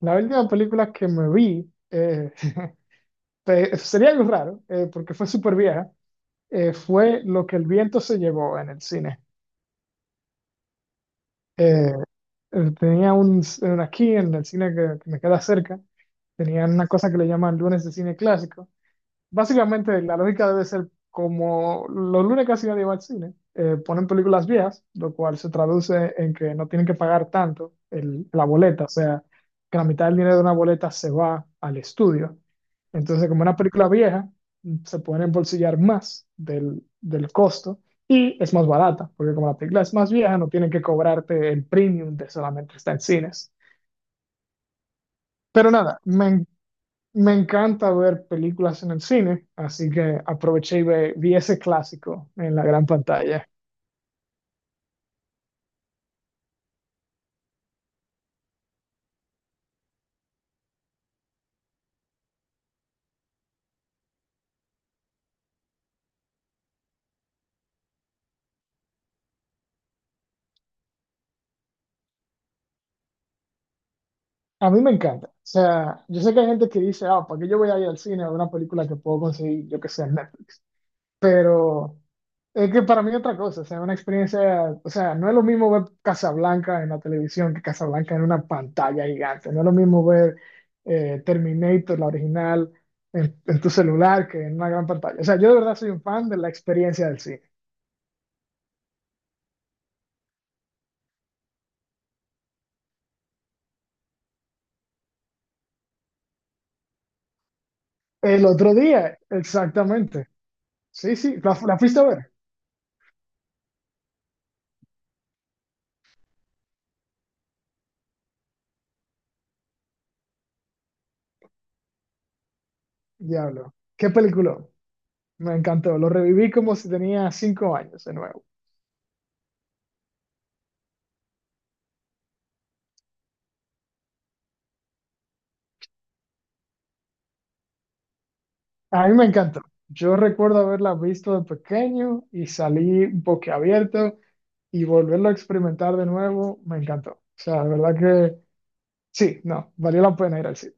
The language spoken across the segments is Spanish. La última película que me vi, sería algo raro, porque fue súper vieja, fue Lo que el viento se llevó en el cine. Eh, Tenía un aquí en el cine que me queda cerca. Tenían una cosa que le llaman lunes de cine clásico. Básicamente, la lógica debe ser como los lunes casi nadie va al cine, ponen películas viejas, lo cual se traduce en que no tienen que pagar tanto la boleta, o sea, que la mitad del dinero de una boleta se va al estudio. Entonces, como una película vieja, se pueden embolsillar más del costo y es más barata, porque como la película es más vieja, no tienen que cobrarte el premium de solamente estar en cines. Pero nada, me encanta ver películas en el cine, así que aproveché y vi ese clásico en la gran pantalla. A mí me encanta. O sea, yo sé que hay gente que dice, ah, ¿para qué yo voy a ir al cine a ver una película que puedo conseguir, yo que sé, en Netflix? Pero es que para mí es otra cosa, o sea, una experiencia, o sea, no es lo mismo ver Casablanca en la televisión que Casablanca en una pantalla gigante, no es lo mismo ver Terminator, la original, en tu celular que en una gran pantalla. O sea, yo de verdad soy un fan de la experiencia del cine. El otro día, exactamente. Sí, sí, la fuiste a ver. Diablo. Qué película. Me encantó. Lo reviví como si tenía 5 años de nuevo. A mí me encantó. Yo recuerdo haberla visto de pequeño y salí boquiabierto y volverlo a experimentar de nuevo. Me encantó. O sea, de verdad que sí, no, valió la pena ir al cine.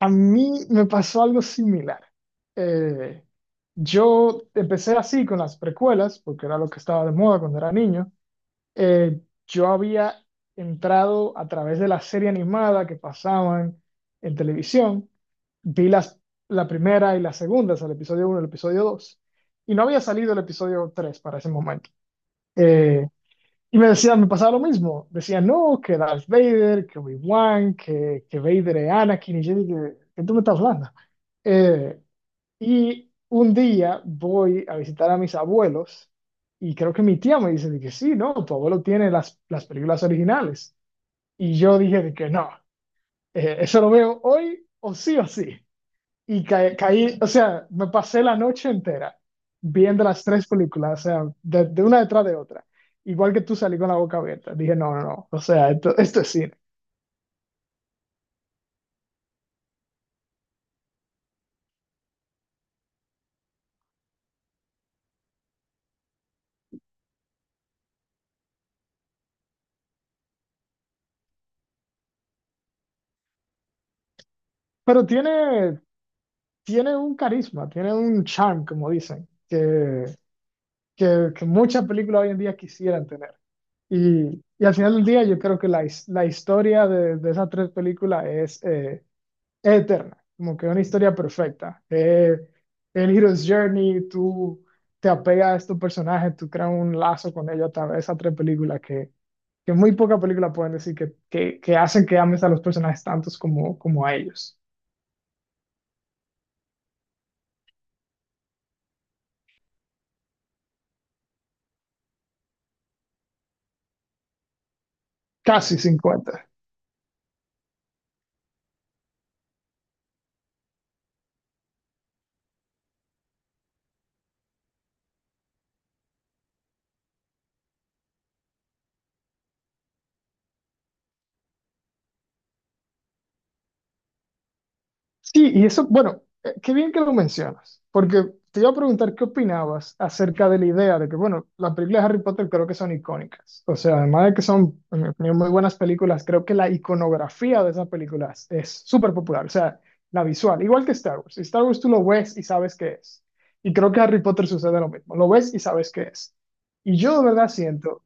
A mí me pasó algo similar. Eh, yo empecé así con las precuelas, porque era lo que estaba de moda cuando era niño. eh, yo había entrado a través de la serie animada que pasaban en televisión, vi la primera y la segunda, o sea, el episodio 1 y el episodio 2, y no había salido el episodio 3 para ese momento. Eh, y me decían, me pasaba lo mismo, decían, no, que Darth Vader, que Obi-Wan, que Vader es Anakin, y yo dije, ¿qué tú me estás hablando? Eh, y un día voy a visitar a mis abuelos y creo que mi tía me dice de que sí, no, tu abuelo tiene las películas originales. Y yo dije de que no, eso lo veo hoy o sí o sí. Y caí, o sea, me pasé la noche entera viendo las tres películas, o sea, de una detrás de otra. Igual que tú salí con la boca abierta. Dije, no, no, no, o sea, esto es cine. Pero tiene tiene un carisma, tiene un charm, como dicen, que muchas películas hoy en día quisieran tener. Y al final del día yo creo que la historia de esas tres películas es eterna, como que una historia perfecta. El Hero's Journey, tú te apegas a estos personajes, tú creas un lazo con ellos a través de esas tres películas que muy pocas películas pueden decir que hacen que ames a los personajes tantos como a ellos. Casi 50. Sí, y eso, bueno, qué bien que lo mencionas, porque te iba a preguntar qué opinabas acerca de la idea de que, bueno, las películas de Harry Potter creo que son icónicas. O sea, además de que son, en mi opinión, muy buenas películas, creo que la iconografía de esas películas es súper popular. O sea, la visual, igual que Star Wars. Si Star Wars tú lo ves y sabes qué es. Y creo que Harry Potter sucede lo mismo. Lo ves y sabes qué es. Y yo de verdad siento,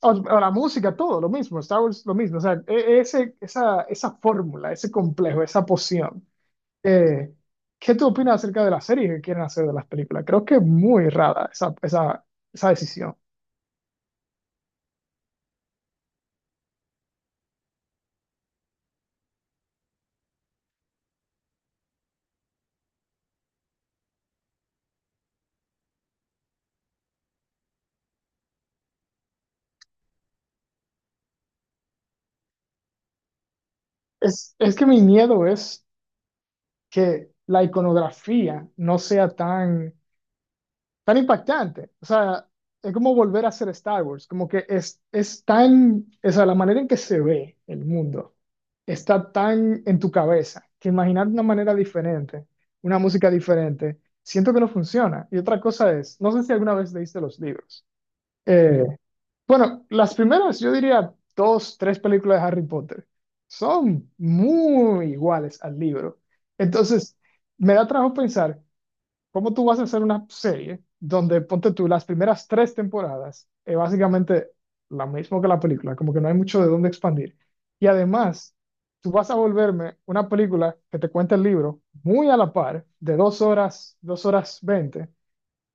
o la música, todo lo mismo, Star Wars lo mismo. O sea, esa fórmula, ese complejo, esa poción. Eh, ¿Qué tú opinas acerca de las series que quieren hacer de las películas? Creo que es muy rara esa decisión. Es que mi miedo es que la iconografía no sea tan impactante. O sea, es como volver a hacer Star Wars, como que o sea, la manera en que se ve el mundo está tan en tu cabeza que imaginar una manera diferente, una música diferente, siento que no funciona. Y otra cosa es, no sé si alguna vez leíste los libros. Eh, Bueno, las primeras, yo diría dos, tres películas de Harry Potter son muy iguales al libro. Entonces, me da trabajo pensar cómo tú vas a hacer una serie donde ponte tú las primeras tres temporadas, es básicamente lo mismo que la película, como que no hay mucho de dónde expandir. Y además, tú vas a volverme una película que te cuenta el libro muy a la par, de 2 horas, 2 horas 20,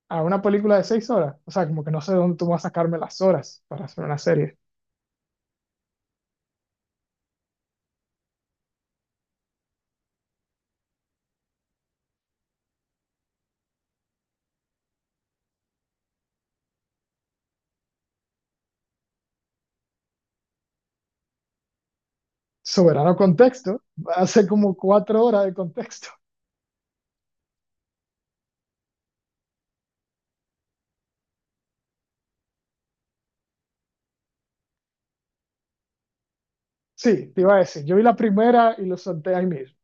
a una película de 6 horas. O sea, como que no sé de dónde tú vas a sacarme las horas para hacer una serie. Soberano contexto, hace como 4 horas de contexto. Sí, te iba a decir, yo vi la primera y lo solté ahí mismo.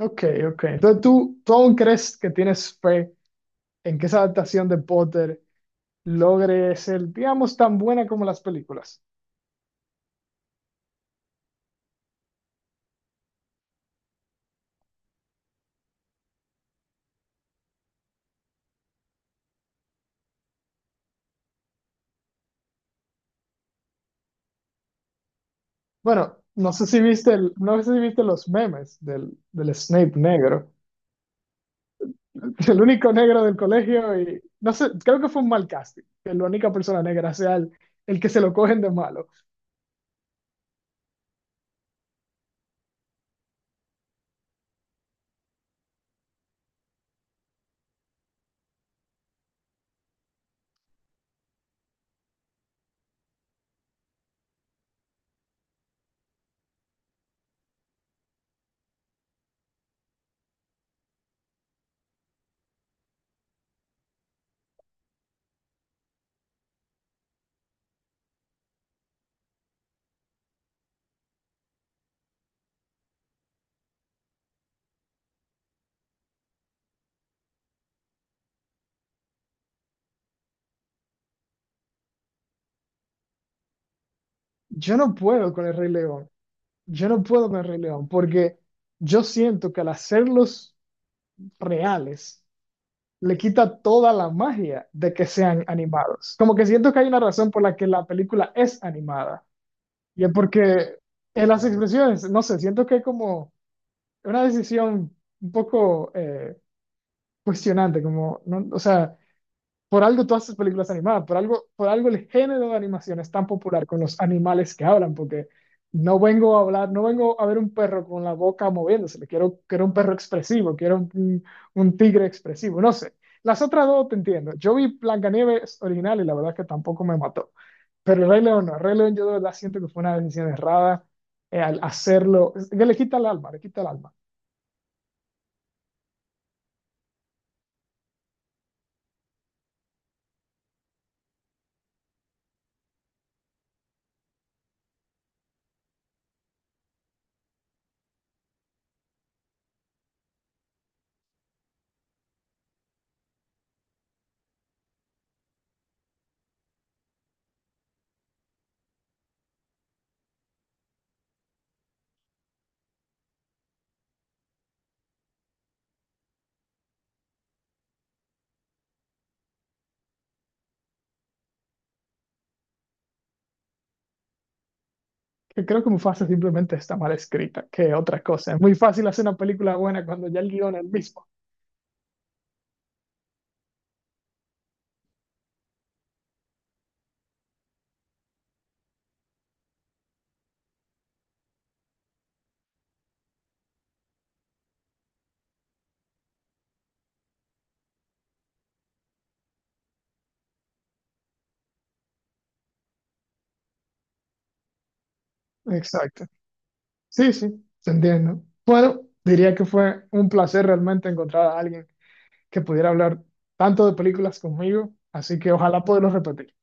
Ok, ok. Entonces tú aún crees que tienes fe en que esa adaptación de Potter logre ser, digamos, tan buena como las películas. Bueno, no sé si viste, no sé si viste los memes del Snape negro el único negro del colegio y no sé, creo que fue un mal casting, que la única persona negra sea el que se lo cogen de malo. Yo no puedo con el Rey León, yo no puedo con el Rey León, porque yo siento que al hacerlos reales le quita toda la magia de que sean animados. Como que siento que hay una razón por la que la película es animada y es porque en las expresiones, no sé, siento que es como una decisión un poco cuestionante, como, no, o sea. Por algo todas estas películas animadas, por algo el género de animación es tan popular con los animales que hablan, porque no vengo a hablar, no vengo a ver un perro con la boca moviéndose, quiero, quiero un perro expresivo, quiero un tigre expresivo, no sé. Las otras dos te entiendo. Yo vi Blancanieves original y la verdad es que tampoco me mató. Pero el Rey León no, el Rey León yo de verdad siento que fue una decisión errada al hacerlo, es que le quita el alma, le quita el alma. Que creo que Mufasa simplemente está mal escrita, que otra cosa. Es muy fácil hacer una película buena cuando ya el guión es el mismo. Exacto. Sí, sí, te entiendo. Bueno, diría que fue un placer realmente encontrar a alguien que pudiera hablar tanto de películas conmigo, así que ojalá podamos repetir.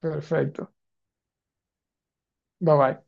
Perfecto. Bye bye.